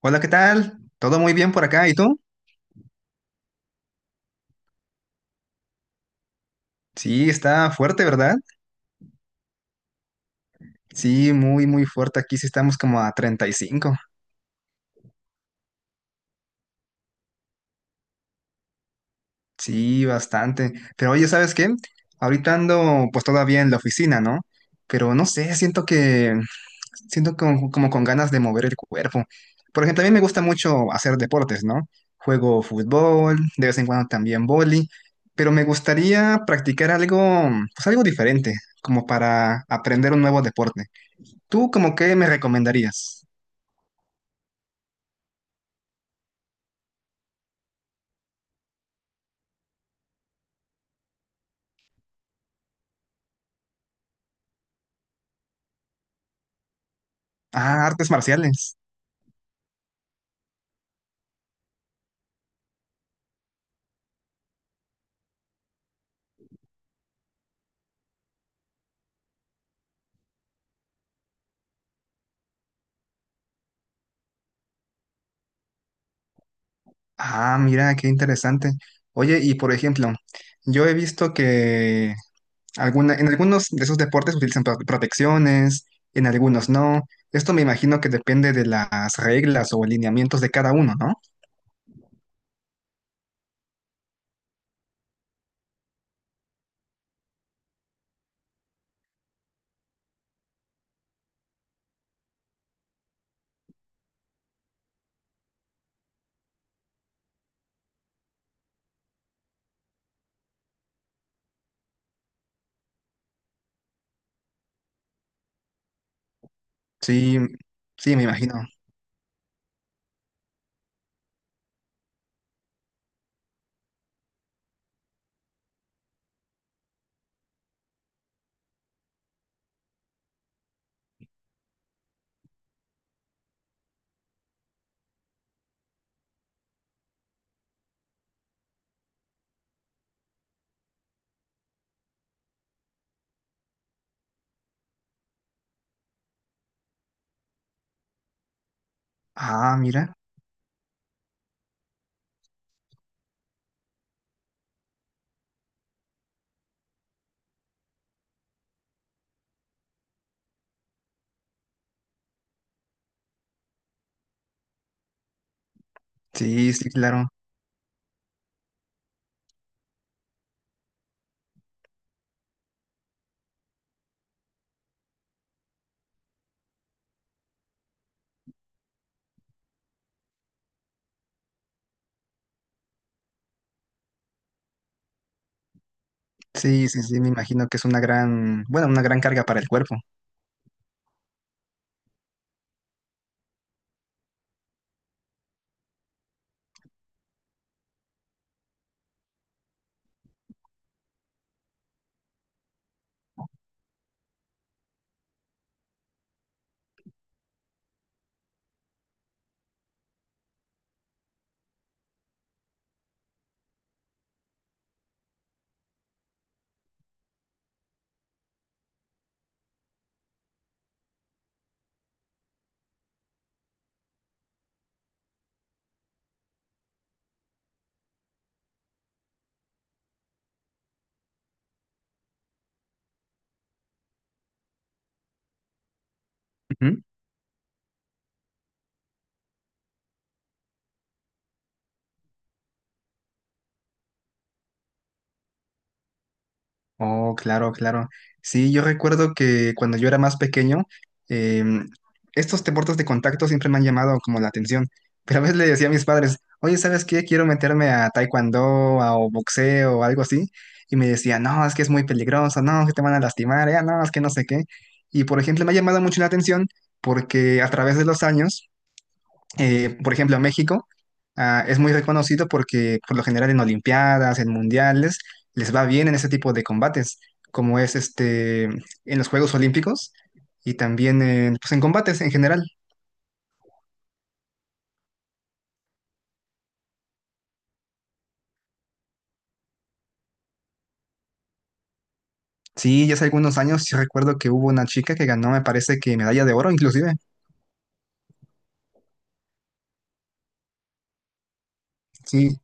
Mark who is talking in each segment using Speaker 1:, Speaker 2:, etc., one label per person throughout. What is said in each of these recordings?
Speaker 1: Hola, ¿qué tal? ¿Todo muy bien por acá? ¿Y tú? Sí, está fuerte, ¿verdad? Sí, muy fuerte. Aquí sí estamos como a 35. Sí, bastante. Pero oye, ¿sabes qué? Ahorita ando pues todavía en la oficina, ¿no? Pero no sé, siento que... Siento como con ganas de mover el cuerpo. Por ejemplo, a mí me gusta mucho hacer deportes, ¿no? Juego fútbol, de vez en cuando también vóley, pero me gustaría practicar algo, pues algo diferente, como para aprender un nuevo deporte. ¿Tú como qué me recomendarías? Ah, artes marciales. Ah, mira, qué interesante. Oye, y por ejemplo, yo he visto que alguna, en algunos de esos deportes utilizan protecciones, en algunos no. Esto me imagino que depende de las reglas o lineamientos de cada uno, ¿no? Sí, sí, me imagino. Ah, mira. Sí, sí, claro. Sí, sí, sí, me imagino que es una gran, bueno, una gran carga para el cuerpo. Oh, claro, claro. Sí, yo recuerdo que cuando yo era más pequeño, em, estos deportes de contacto siempre me han llamado como la atención. Pero a veces le decía a mis padres, oye, ¿sabes qué? Quiero meterme a taekwondo o boxeo o algo así. Y me decía, no, es que es muy peligroso, no, que te van a lastimar, ya, no, es que no sé qué. Y por ejemplo, me ha llamado mucho la atención porque a través de los años por ejemplo, México ah, es muy reconocido porque por lo general en Olimpiadas, en mundiales, les va bien en ese tipo de combates, como es este en los Juegos Olímpicos y también en, pues, en combates en general. Sí, ya hace algunos años sí recuerdo que hubo una chica que ganó, me parece que medalla de oro inclusive. Sí,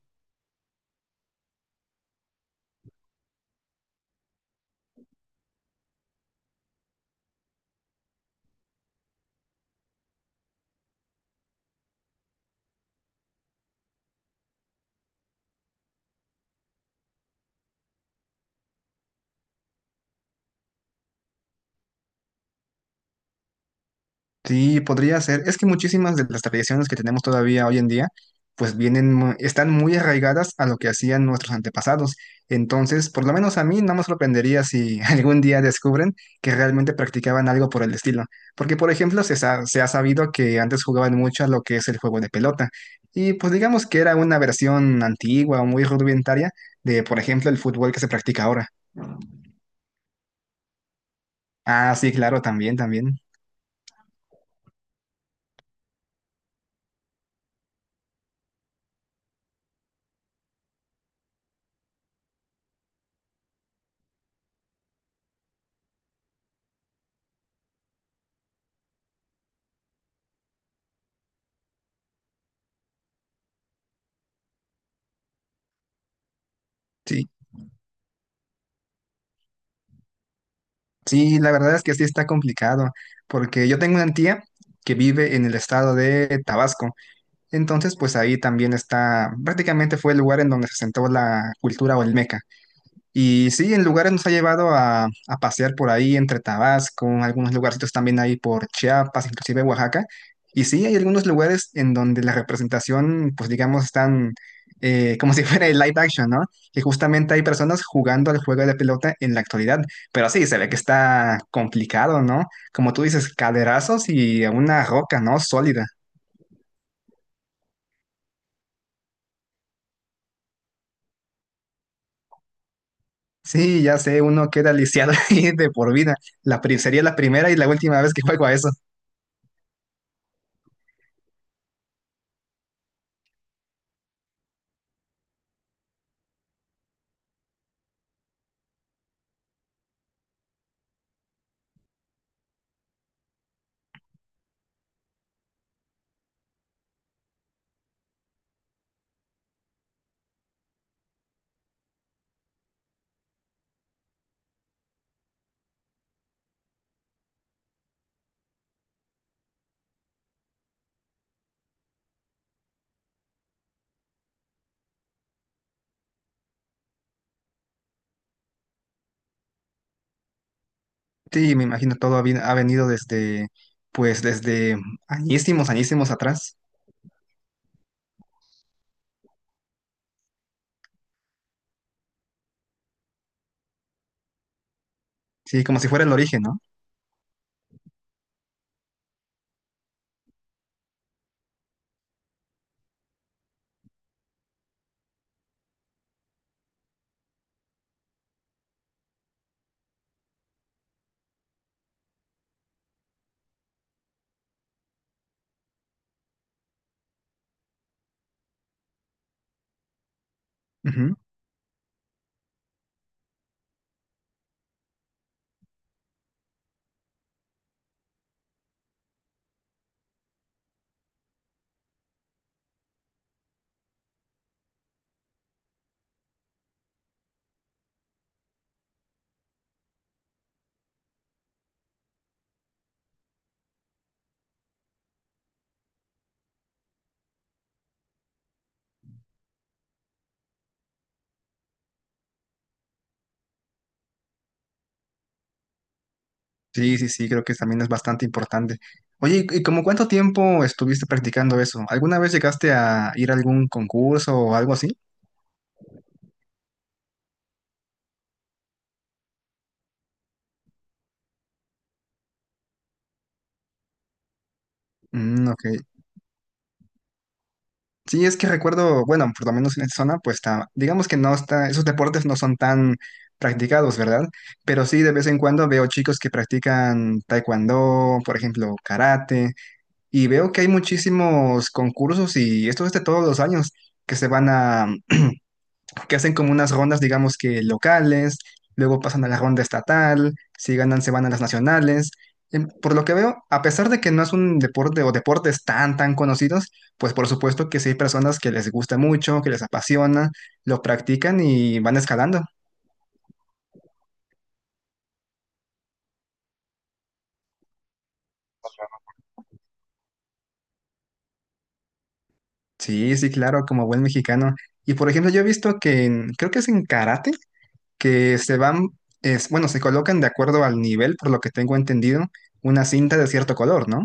Speaker 1: sí, podría ser. Es que muchísimas de las tradiciones que tenemos todavía hoy en día, pues vienen, están muy arraigadas a lo que hacían nuestros antepasados. Entonces, por lo menos a mí no me sorprendería si algún día descubren que realmente practicaban algo por el estilo. Porque, por ejemplo, se ha sabido que antes jugaban mucho a lo que es el juego de pelota. Y pues digamos que era una versión antigua o muy rudimentaria de, por ejemplo, el fútbol que se practica ahora. Ah, sí, claro, también, también. Sí. Sí, la verdad es que sí está complicado, porque yo tengo una tía que vive en el estado de Tabasco, entonces pues ahí también está, prácticamente fue el lugar en donde se sentó la cultura olmeca. Y sí, en lugares nos ha llevado a pasear por ahí entre Tabasco, algunos lugarcitos también ahí por Chiapas, inclusive Oaxaca. Y sí, hay algunos lugares en donde la representación, pues digamos, están como si fuera el live action, ¿no? Que justamente hay personas jugando al juego de la pelota en la actualidad. Pero sí, se ve que está complicado, ¿no? Como tú dices, caderazos y una roca, ¿no? Sólida. Sí, ya sé, uno queda lisiado ahí de por vida. Sería la primera y la última vez que juego a eso. Sí, me imagino todo ha venido desde, pues desde añísimos, añísimos atrás. Sí, como si fuera el origen, ¿no? Ujú. Sí, sí, sí, creo que también es bastante importante. Oye, ¿y como cuánto tiempo estuviste practicando eso? ¿Alguna vez llegaste a ir a algún concurso o algo así? Mm, ok. Sí, es que recuerdo, bueno, por lo menos en esta zona, digamos que no está, esos deportes no son tan practicados, ¿verdad? Pero sí, de vez en cuando veo chicos que practican taekwondo, por ejemplo, karate. Y veo que hay muchísimos concursos y esto es de todos los años que se van a, que hacen como unas rondas, digamos que locales, luego pasan a la ronda estatal, si ganan se van a las nacionales. Por lo que veo, a pesar de que no es un deporte o deportes tan conocidos, pues por supuesto que sí hay personas que les gusta mucho, que les apasiona, lo practican y van escalando. Sí, sí, claro, como buen mexicano. Y por ejemplo, yo he visto que creo que es en karate que se van, es, bueno, se colocan de acuerdo al nivel, por lo que tengo entendido, una cinta de cierto color, ¿no?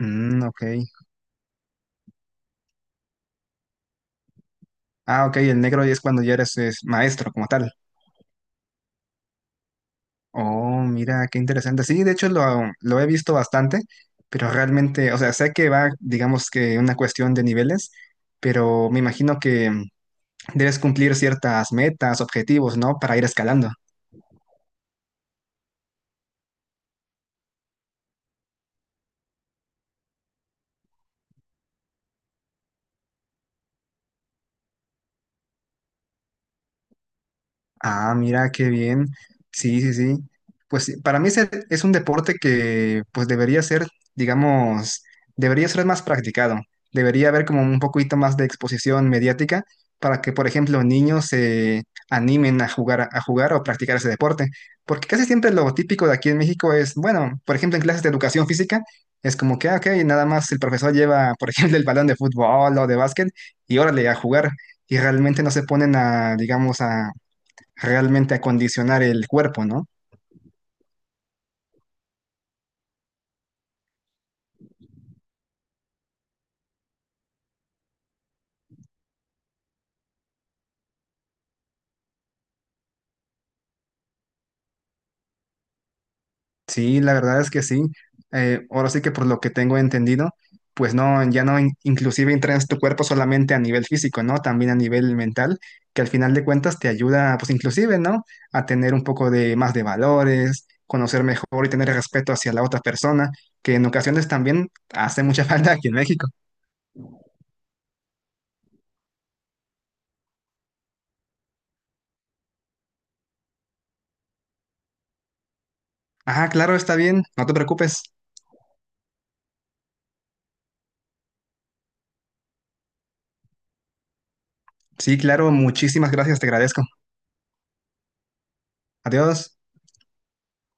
Speaker 1: Mm, ok. Ah, ok, el negro es cuando ya eres es maestro como tal. Oh, mira, qué interesante. Sí, de hecho lo he visto bastante, pero realmente, o sea, sé que va, digamos que una cuestión de niveles, pero me imagino que debes cumplir ciertas metas, objetivos, ¿no? Para ir escalando. Ah, mira, qué bien. Sí, sí, sí. Pues sí, para mí es un deporte que pues debería ser, digamos, debería ser más practicado. Debería haber como un poquito más de exposición mediática para que, por ejemplo, niños se animen a jugar o practicar ese deporte. Porque casi siempre lo típico de aquí en México es, bueno, por ejemplo, en clases de educación física, es como que, ah, ok, nada más el profesor lleva, por ejemplo, el balón de fútbol o de básquet y órale a jugar. Y realmente no se ponen a, digamos, a realmente acondicionar el cuerpo, ¿no? Sí, la verdad es que sí. Ahora sí que por lo que tengo entendido, pues no, inclusive entrenas tu cuerpo solamente a nivel físico, ¿no? También a nivel mental, que al final de cuentas te ayuda, pues inclusive, ¿no? A tener un poco de más de valores, conocer mejor y tener respeto hacia la otra persona, que en ocasiones también hace mucha falta aquí en México. Ah, claro, está bien, no te preocupes. Sí, claro, muchísimas gracias, te agradezco. Adiós.